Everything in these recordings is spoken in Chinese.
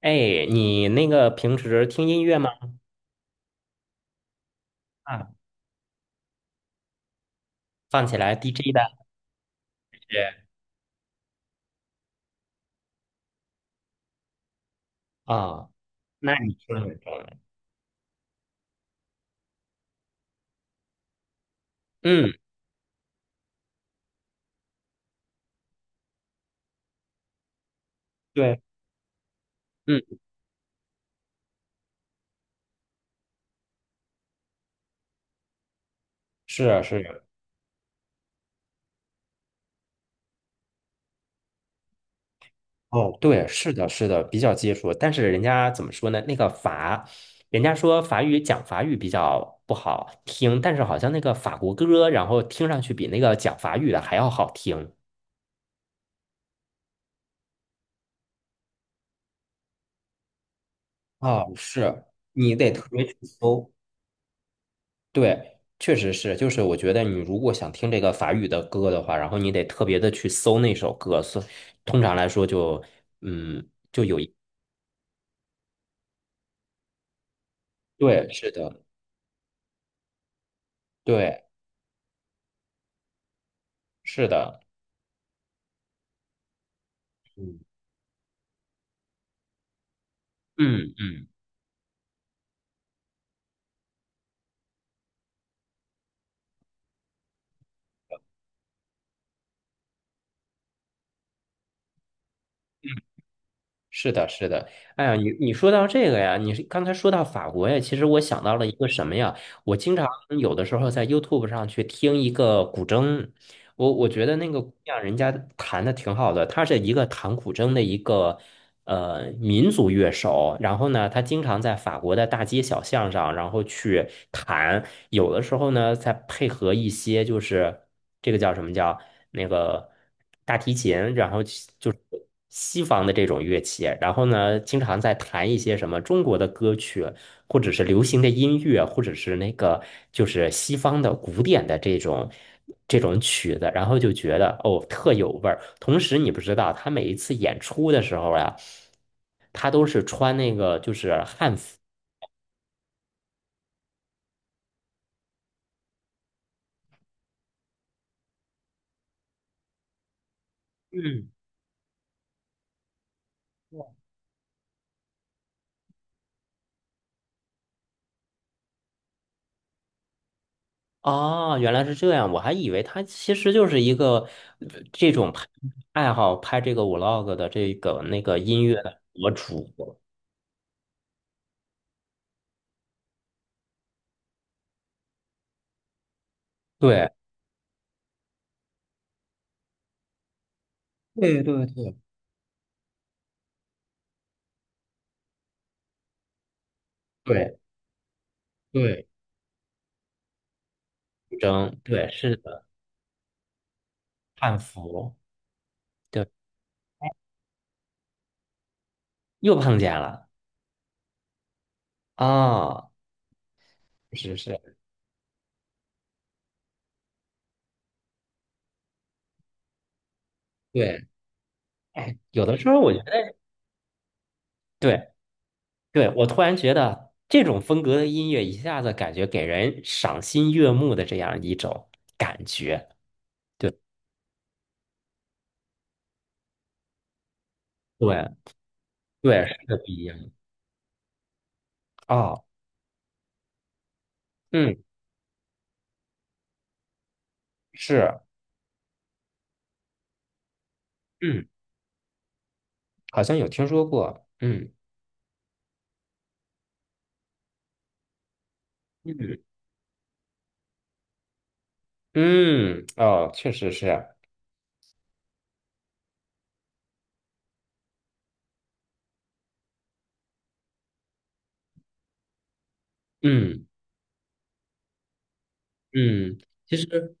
哎，你那个平时听音乐吗？啊，放起来 DJ 的是啊，那你听得很重要。嗯，对，嗯，是啊，是啊哦，对，是的，是的，比较接触。但是人家怎么说呢？那个法，人家说法语讲法语比较不好听，但是好像那个法国歌，然后听上去比那个讲法语的还要好听。哦，是，你得特别去搜。对，确实是，就是我觉得你如果想听这个法语的歌的话，然后你得特别的去搜那首歌，所以通常来说就，嗯，对，是的，对，是的，嗯嗯，是的，是的。哎呀，你说到这个呀，你是刚才说到法国呀，其实我想到了一个什么呀？我经常有的时候在 YouTube 上去听一个古筝，我觉得那个姑娘人家弹的挺好的，她是一个弹古筝的一个。民族乐手，然后呢，他经常在法国的大街小巷上，然后去弹，有的时候呢，再配合一些就是这个叫什么叫那个大提琴，然后就是西方的这种乐器，然后呢，经常在弹一些什么中国的歌曲，或者是流行的音乐，或者是那个就是西方的古典的这种。这种曲子，然后就觉得哦特有味儿。同时，你不知道他每一次演出的时候呀、他都是穿那个就是汉服。嗯，哦，原来是这样，我还以为他其实就是一个这种拍爱好拍这个 vlog 的这个那个音乐的博主。对对对对对对，真对，是的，汉服，对，又碰见了啊，是是，对，哎，有的时候我觉得对。对，我突然觉得这种风格的音乐一下子感觉给人赏心悦目的这样一种感觉。对，对，是的不一样。哦，嗯，是，嗯，好像有听说过，嗯嗯，哦，确实是，嗯嗯，其实，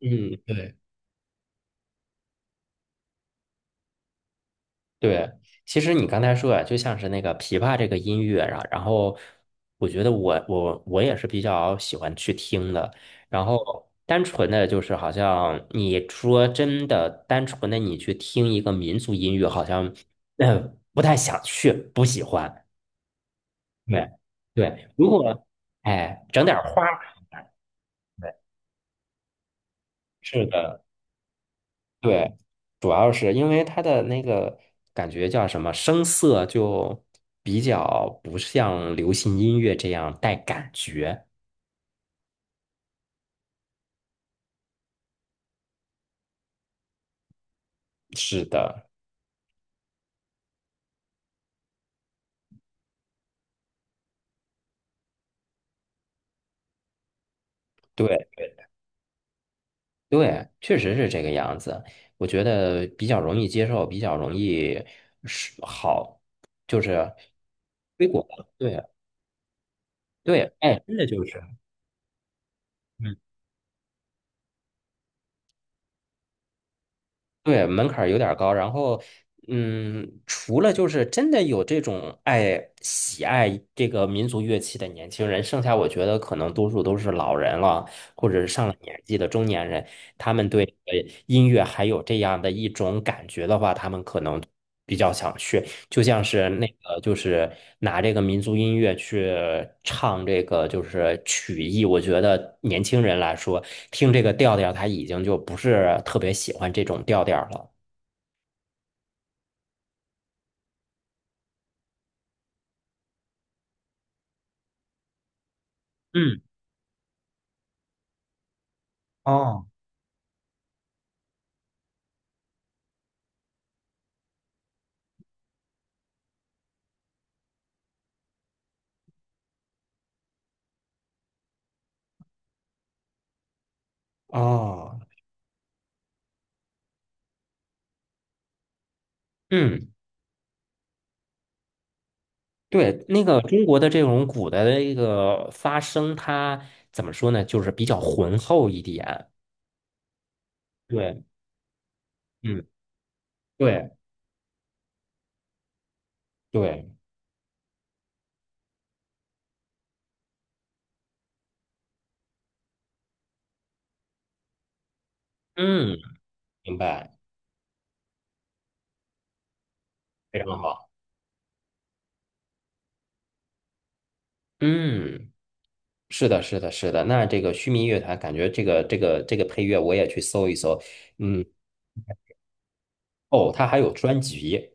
嗯，对。对，其实你刚才说啊，就像是那个琵琶这个音乐啊，然后我觉得我也是比较喜欢去听的。然后单纯的就是好像你说真的，单纯的你去听一个民族音乐，好像不太想去，不喜欢。对对，如果哎整点儿花儿，对，是的。对，主要是因为它的那个感觉叫什么，声色就比较不像流行音乐这样带感觉。是的，对对，确实是这个样子。我觉得比较容易接受，比较容易是好，就是推广。对对，哎，真的就是。嗯。对，门槛儿有点儿高，然后，嗯，除了就是真的有这种爱喜爱这个民族乐器的年轻人，剩下我觉得可能多数都是老人了，或者是上了年纪的中年人，他们对音乐还有这样的一种感觉的话，他们可能比较想去。就像是那个，就是拿这个民族音乐去唱这个，就是曲艺。我觉得年轻人来说，听这个调调，他已经就不是特别喜欢这种调调了。嗯，哦，哦，嗯，对，那个中国的这种鼓的一个发声，它怎么说呢？就是比较浑厚一点。对，嗯，对对，嗯，明白，非常好。嗯。是的。那这个须弥乐团，感觉这个配乐我也去搜一搜。嗯，哦，它还有专辑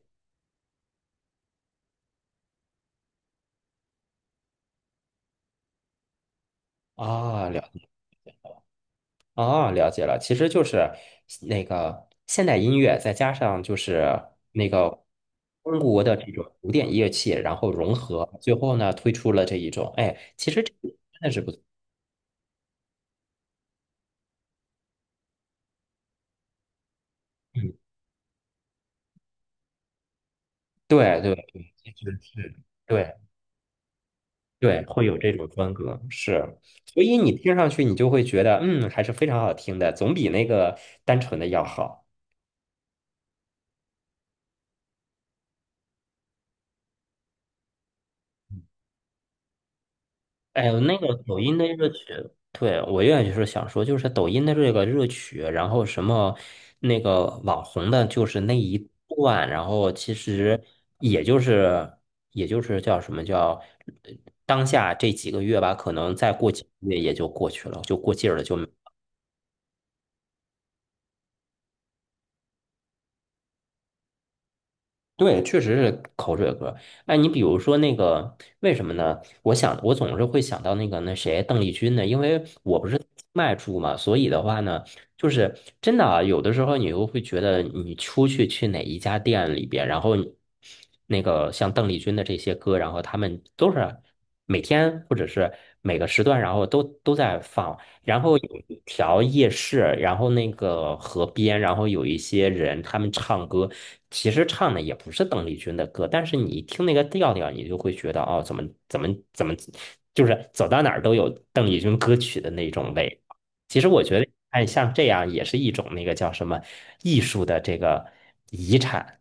啊，了解啊，了解了。其实就是那个现代音乐，再加上就是那个中国的这种古典乐器，然后融合，最后呢推出了这一种。哎，其实这个，嗯，对，其实是对。对，会有这种风格，是，所以你听上去你就会觉得，嗯，还是非常好听的，总比那个单纯的要好。哎呦，那个抖音的热曲，对，我愿意是想说，就是抖音的这个热曲，然后什么那个网红的，就是那一段，然后其实也就是也就是叫什么叫呃当下这几个月吧，可能再过几个月也就过去了，就过劲儿了，就。对，确实是口水歌。哎，你比如说那个，为什么呢？我想，我总是会想到那个那谁，邓丽君呢？因为我不是在清迈住嘛，所以的话呢，就是真的啊，有的时候你又会觉得，你出去去哪一家店里边，然后你那个像邓丽君的这些歌，然后他们都是每天或者是每个时段，然后都在放。然后有一条夜市，然后那个河边，然后有一些人他们唱歌，其实唱的也不是邓丽君的歌，但是你一听那个调调，你就会觉得哦，怎么，就是走到哪儿都有邓丽君歌曲的那种味道其实我觉得，哎，像这样也是一种那个叫什么艺术的这个遗产。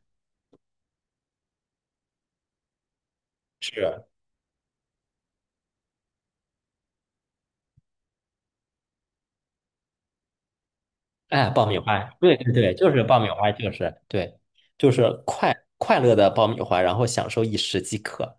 是，哎，爆米花，对，就是爆米花，就是对，就是快快乐的爆米花，然后享受一时即可。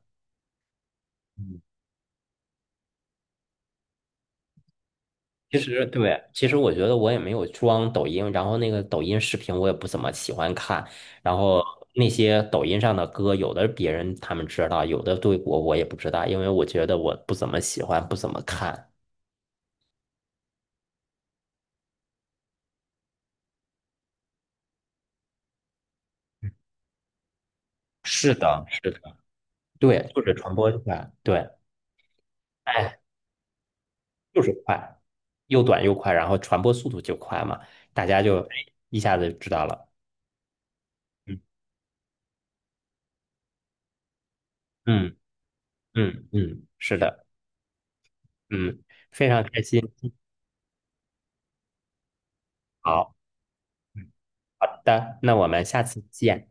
其实对，其实我觉得我也没有装抖音，然后那个抖音视频我也不怎么喜欢看，然后那些抖音上的歌，有的别人他们知道，有的对我也不知道，因为我觉得我不怎么喜欢，不怎么看。是的，是的，对，就是传播快，对，哎，就是快，又短又快，然后传播速度就快嘛，大家就哎一下子知道了。嗯嗯嗯，是的，嗯，非常开心。好，嗯好的，那我们下次见。